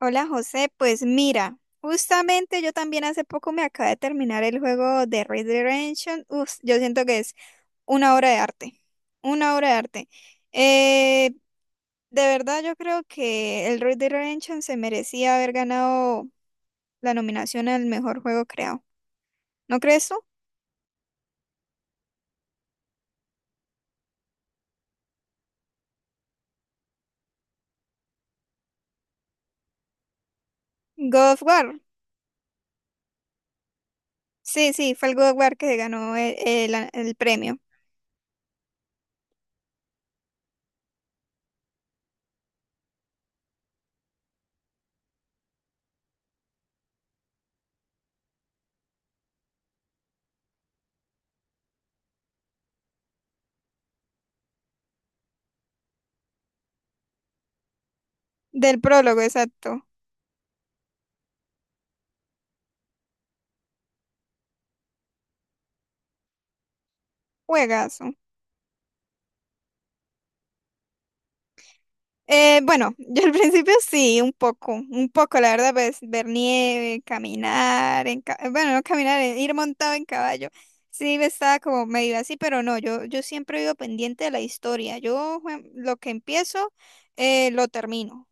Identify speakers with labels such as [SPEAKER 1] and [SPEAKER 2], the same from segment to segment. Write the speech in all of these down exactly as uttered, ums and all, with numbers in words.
[SPEAKER 1] Hola José, pues mira, justamente yo también hace poco me acabé de terminar el juego de Red Dead Redemption. Uf, yo siento que es una obra de arte, una obra de arte. Eh, de verdad yo creo que el Red Dead Redemption se merecía haber ganado la nominación al mejor juego creado. ¿No crees tú? God of War. Sí, sí, fue el God of War que ganó el, el- el premio. Del prólogo, exacto. Juegazo. Eh, bueno, yo al principio sí, un poco, un poco, la verdad, pues ver nieve, caminar, en ca- bueno, no caminar, eh, ir montado en caballo. Sí, me estaba como medio así, pero no, yo, yo siempre vivo pendiente de la historia. Yo jue- lo que empiezo, eh, lo termino.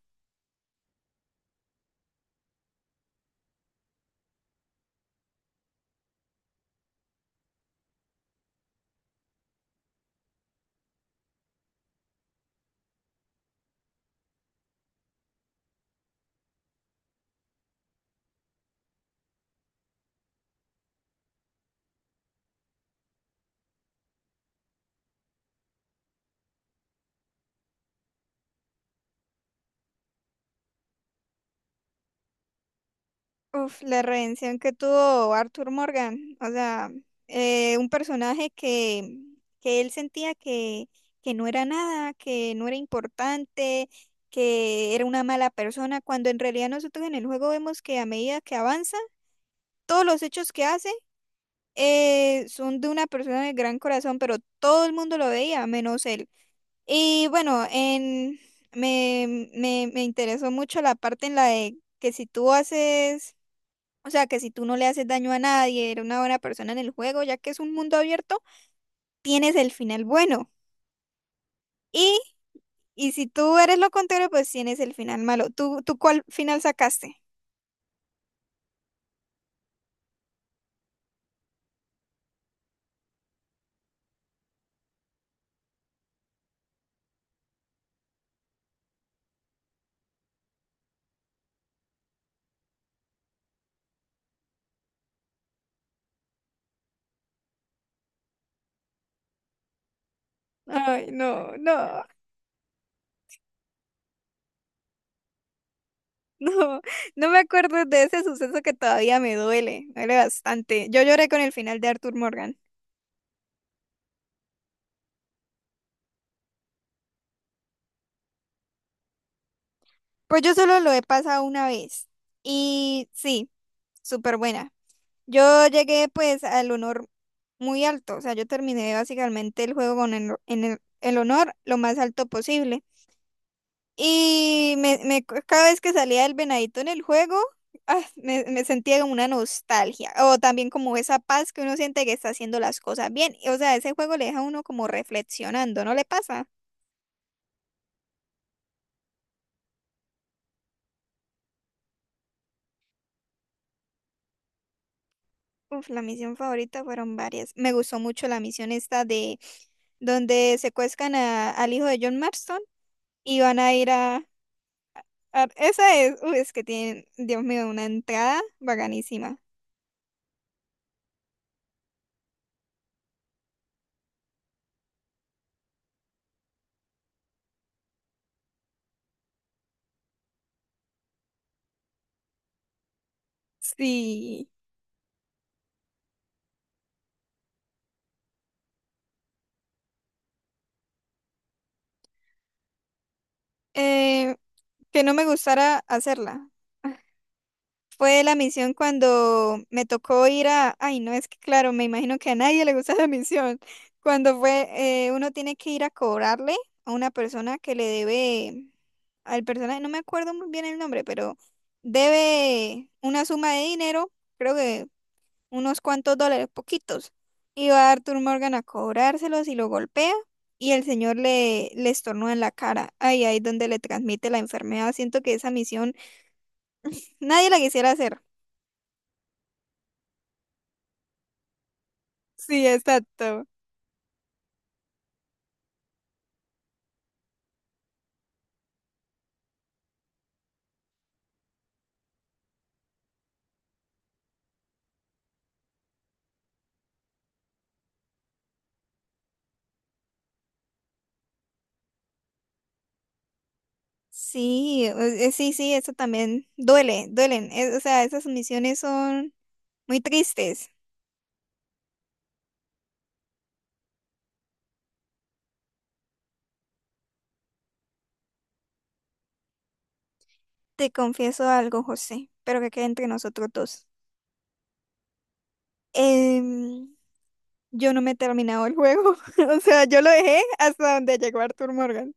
[SPEAKER 1] Uf, la redención que tuvo Arthur Morgan, o sea, eh, un personaje que, que él sentía que, que no era nada, que no era importante, que era una mala persona, cuando en realidad nosotros en el juego vemos que a medida que avanza, todos los hechos que hace eh, son de una persona de gran corazón, pero todo el mundo lo veía, menos él. Y bueno, en, me, me, me interesó mucho la parte en la de que si tú haces, o sea, que si tú no le haces daño a nadie, eres una buena persona en el juego, ya que es un mundo abierto, tienes el final bueno. Y, y si tú eres lo contrario, pues tienes el final malo. ¿Tú, tú cuál final sacaste? Ay, no, no, no, no me acuerdo de ese suceso que todavía me duele, me duele bastante. Yo lloré con el final de Arthur Morgan. Pues yo solo lo he pasado una vez. Y sí, súper buena. Yo llegué pues al honor muy alto. O sea, yo terminé básicamente el juego con el, en el, el honor lo más alto posible. Y me, me- cada vez que salía el venadito en el juego, ah, me, me sentía como una nostalgia. O también como esa paz que uno siente que está haciendo las cosas bien. y, O sea, ese juego le deja a uno como reflexionando, ¿no le pasa? Uf, la misión favorita fueron varias. Me gustó mucho la misión esta de donde secuestran a- al hijo de John Marston y van a ir a, ah, esa es, uy, es que tienen, Dios mío, una entrada bacanísima. Sí, eh, que no me gustara hacerla. Fue la misión cuando me tocó ir a, ay, no, es que claro, me imagino que a nadie le gusta la misión. Cuando fue, eh, uno tiene que ir a cobrarle a una persona que le debe, al personaje, no me acuerdo muy bien el nombre, pero debe una suma de dinero, creo que unos cuantos dólares, poquitos. Y va Arthur Morgan a cobrárselos y lo golpea y el señor le, le estornuda en la cara. Ahí, ahí donde le transmite la enfermedad. Siento que esa misión nadie la quisiera hacer. Sí, exacto. Sí, eh, eh, sí, sí, eso también duele, duelen. Es- o sea, esas misiones son muy tristes. Te confieso algo, José, pero que quede entre nosotros dos. Em, yo no me he terminado el juego. O sea, yo lo dejé hasta donde llegó Arthur Morgan.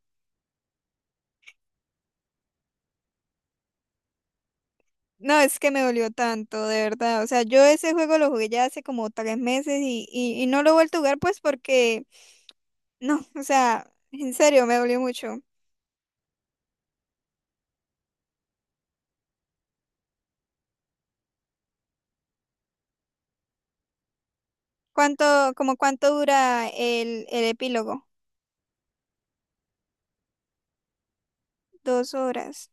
[SPEAKER 1] No, es que me dolió tanto, de verdad. O sea, yo ese juego lo jugué ya hace como tres meses y, y, y no lo he vuelto a jugar pues porque, no, o sea, en serio, me dolió mucho. ¿Cuánto, Como cuánto dura el, el epílogo? Dos horas.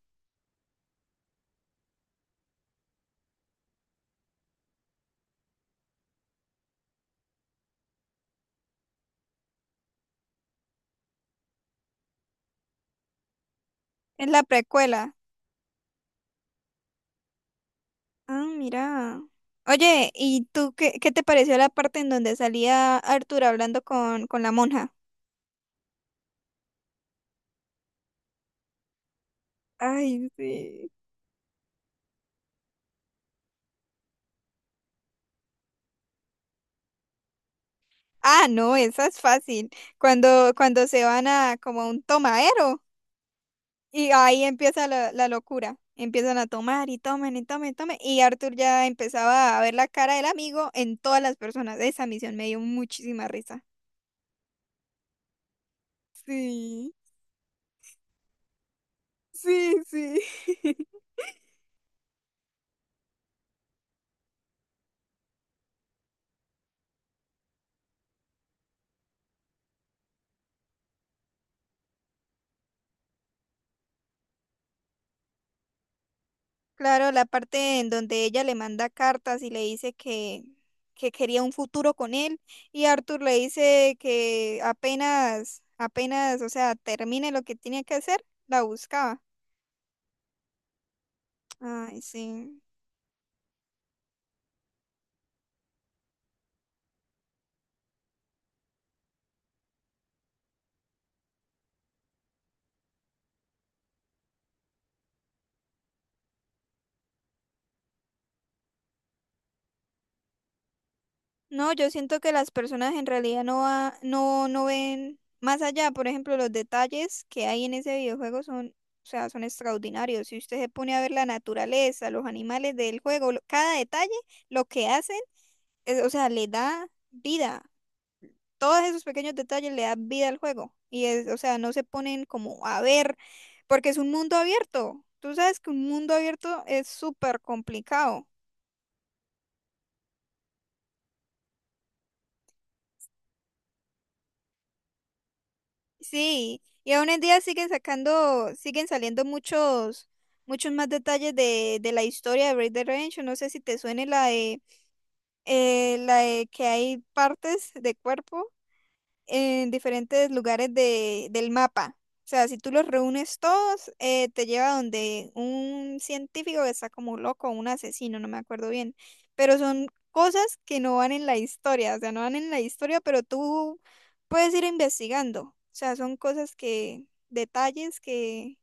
[SPEAKER 1] Es la precuela. Ah, mira. Oye, ¿y tú qué, qué te pareció la parte en donde salía Arthur hablando con, con la monja? Ay, sí. Ah, no, esa es fácil. Cuando, cuando se van a como a un tomadero. Y ahí empieza la, la locura. Empiezan a tomar y tomen y tomen y tomen. Y Arthur ya empezaba a ver la cara del amigo en todas las personas. Esa misión me dio muchísima risa. Sí, sí, sí. Claro, la parte en donde ella le manda cartas y le dice que, que quería un futuro con él. Y Arthur le dice que apenas, apenas, o sea, termine lo que tiene que hacer, la buscaba. Ay, sí. No, yo siento que las personas en realidad no, va- no, no ven más allá. Por ejemplo, los detalles que hay en ese videojuego son, o sea, son extraordinarios. Si usted se pone a ver la naturaleza, los animales del juego, lo- cada detalle, lo que hacen, es- o sea, le da vida. Todos esos pequeños detalles le dan vida al juego. Y es, o sea, no se ponen como a ver, porque es un mundo abierto. Tú sabes que un mundo abierto es súper complicado. Sí, y aún en día siguen sacando, siguen saliendo muchos, muchos más detalles de, de la historia de Red Dead Redemption. No sé si te suene la de, eh, la de que hay partes de cuerpo en diferentes lugares de, del mapa. O sea, si tú los reúnes todos, eh, te lleva donde un científico que está como loco, un asesino, no me acuerdo bien. Pero son cosas que no van en la historia, o sea, no van en la historia, pero tú puedes ir investigando. O sea, son cosas que, detalles que,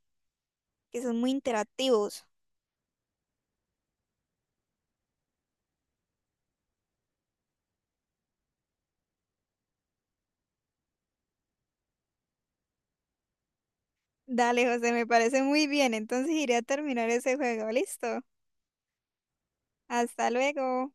[SPEAKER 1] que son muy interactivos. Dale, José, me parece muy bien. Entonces iré a terminar ese juego. Listo. Hasta luego.